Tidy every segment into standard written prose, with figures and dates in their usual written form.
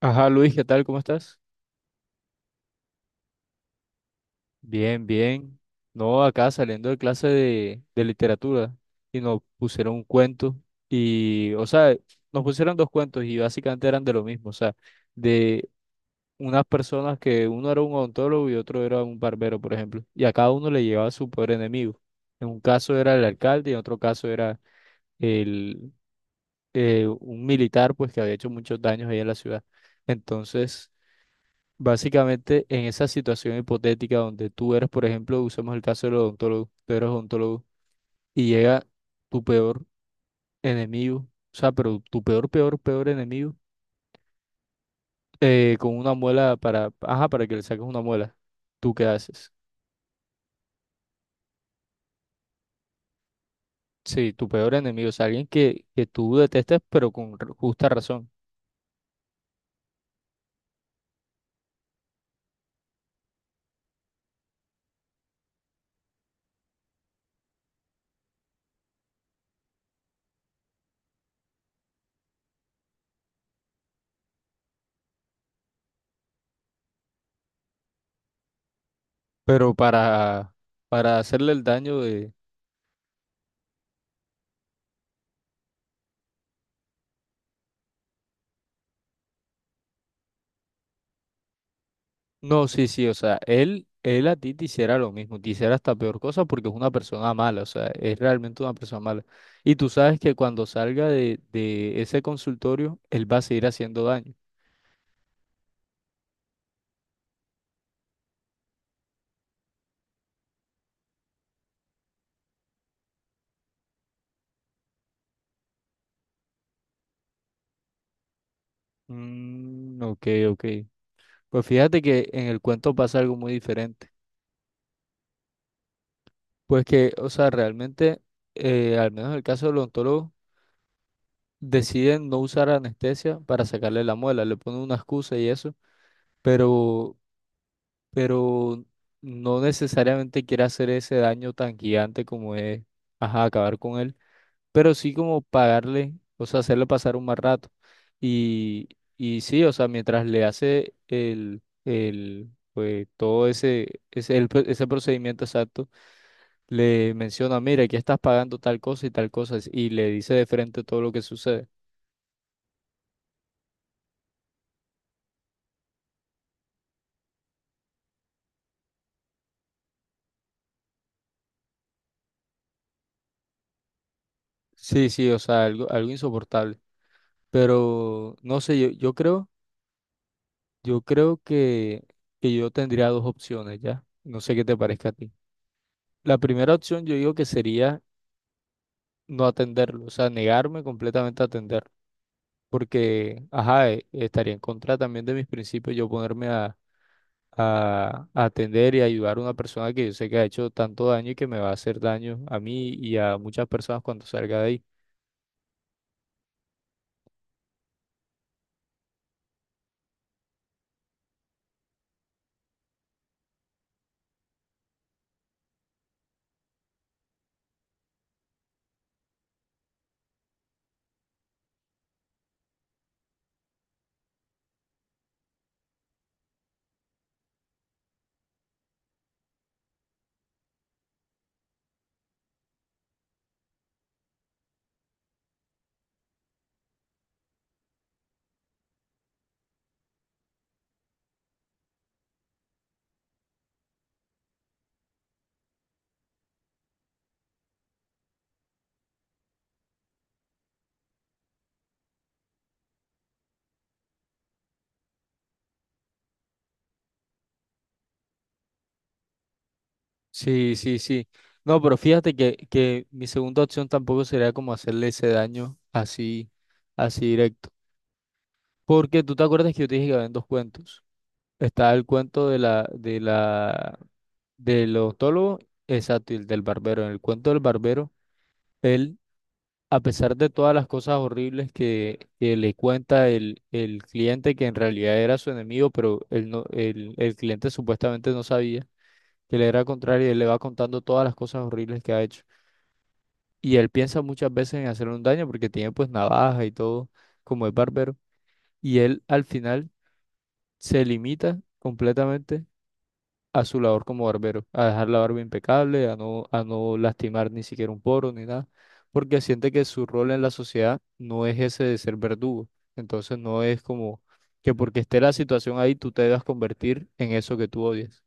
Ajá, Luis, ¿qué tal? ¿Cómo estás? Bien, bien. No, acá saliendo de clase de literatura y nos pusieron un cuento y, o sea, nos pusieron dos cuentos y básicamente eran de lo mismo, o sea, de unas personas que uno era un odontólogo y otro era un barbero, por ejemplo, y a cada uno le llegaba su peor enemigo. En un caso era el alcalde y en otro caso era el, un militar, pues que había hecho muchos daños ahí en la ciudad. Entonces... Básicamente, en esa situación hipotética donde tú eres, por ejemplo, usemos el caso del odontólogo, tú eres odontólogo y llega tu peor enemigo, o sea, pero tu peor, peor, peor enemigo, con una muela para, ajá, para que le saques una muela, ¿tú qué haces? Sí, tu peor enemigo, o sea, alguien que tú detestes, pero con justa razón, pero para hacerle el daño. No, sí, sí, o sea, él a ti te hiciera lo mismo, te hiciera hasta peor cosa porque es una persona mala, o sea, es realmente una persona mala. Y tú sabes que cuando salga de ese consultorio, él va a seguir haciendo daño. Mm, ok, ok. Pues fíjate que en el cuento pasa algo muy diferente. Pues que, o sea, realmente, al menos en el caso del odontólogo, deciden no usar anestesia para sacarle la muela, le ponen una excusa y eso, pero pero no necesariamente quiere hacer ese daño tan gigante como es, ajá, acabar con él, pero sí como pagarle, o sea, hacerle pasar un mal rato. Y, y sí, o sea, mientras le hace pues todo ese procedimiento exacto, le menciona, mira, aquí estás pagando tal cosa, y le dice de frente todo lo que sucede. Sí, sí, o sea, algo, algo insoportable. Pero no sé, yo creo. Yo creo que yo tendría dos opciones ya. No sé qué te parezca a ti. La primera opción yo digo que sería no atenderlo, o sea, negarme completamente a atenderlo. Porque, ajá, estaría en contra también de mis principios yo ponerme a atender y ayudar a una persona que yo sé que ha hecho tanto daño y que me va a hacer daño a mí y a muchas personas cuando salga de ahí. Sí, sí, sí. No, pero fíjate que mi segunda opción tampoco sería como hacerle ese daño así, así directo. Porque tú te acuerdas que yo te dije que habían dos cuentos. Está el cuento del odontólogo, exacto, y el del barbero. En el cuento del barbero, él, a pesar de todas las cosas horribles que le cuenta el cliente, que en realidad era su enemigo, pero él no, el cliente supuestamente no sabía que le era contrario y él le va contando todas las cosas horribles que ha hecho. Y él piensa muchas veces en hacerle un daño porque tiene pues navaja y todo, como es barbero. Y él al final se limita completamente a su labor como barbero, a dejar la barba impecable, a no lastimar ni siquiera un poro ni nada, porque siente que su rol en la sociedad no es ese de ser verdugo. Entonces no es como que porque esté la situación ahí, tú te debas convertir en eso que tú odias.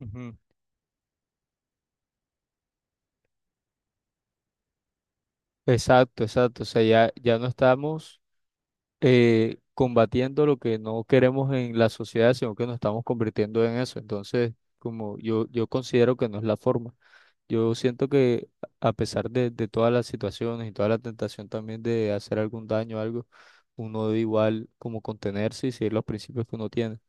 Ujú. Exacto, exacto. O sea, ya, ya no estamos combatiendo lo que no queremos en la sociedad, sino que nos estamos convirtiendo en eso. Entonces, yo considero que no es la forma. Yo siento que a pesar de todas las situaciones y toda la tentación también de hacer algún daño o algo, uno debe igual como contenerse y seguir los principios que uno tiene.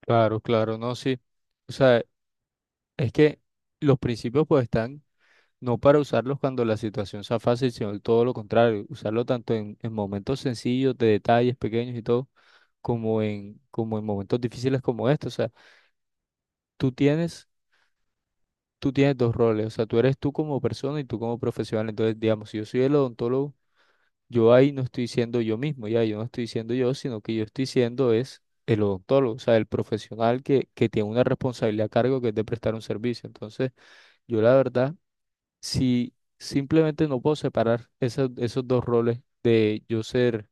Claro, claro, no, sí. O sea, es que los principios pues están no para usarlos cuando la situación sea fácil, sino todo lo contrario, usarlo tanto en momentos sencillos, de detalles pequeños y todo, como en momentos difíciles como estos. O sea, tú tienes tú tienes dos roles, o sea, tú eres tú como persona y tú como profesional. Entonces, digamos, si yo soy el odontólogo, yo ahí no estoy siendo yo mismo, ya, yo no estoy siendo yo, sino que yo estoy siendo es el odontólogo, o sea, el profesional que tiene una responsabilidad a cargo que es de prestar un servicio. Entonces, yo la verdad, si simplemente no puedo separar esos dos roles de yo ser,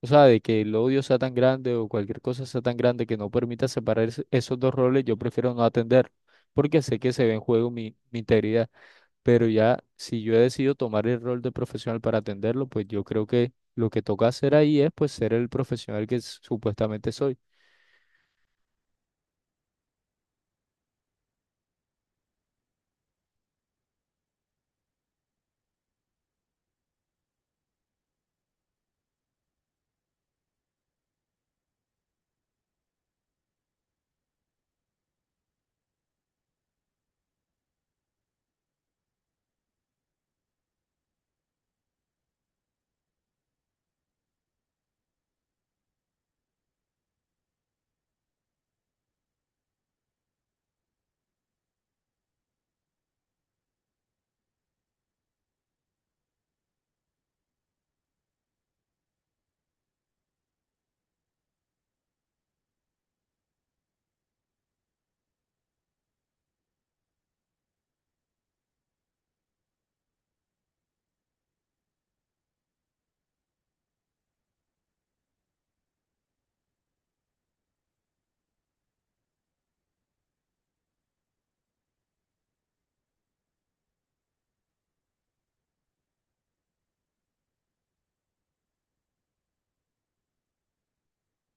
o sea, de que el odio sea tan grande o cualquier cosa sea tan grande que no permita separar esos dos roles, yo prefiero no atender, porque sé que se ve en juego mi mi integridad, pero ya si yo he decidido tomar el rol de profesional para atenderlo, pues yo creo que lo que toca hacer ahí es pues ser el profesional que supuestamente soy.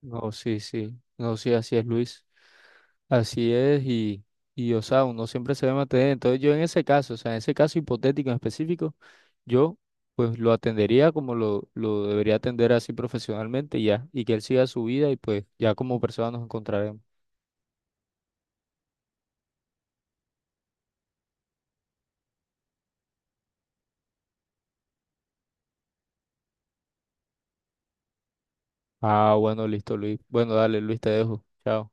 No, sí, sí, no, sí, así es Luis, así es y o sea, uno siempre se debe mantener. Entonces yo en ese caso, o sea, en ese caso hipotético en específico, yo pues lo atendería como lo debería atender así profesionalmente y ya, y que él siga su vida y pues ya como persona nos encontraremos. Ah, bueno, listo Luis. Bueno, dale Luis, te dejo. Chao.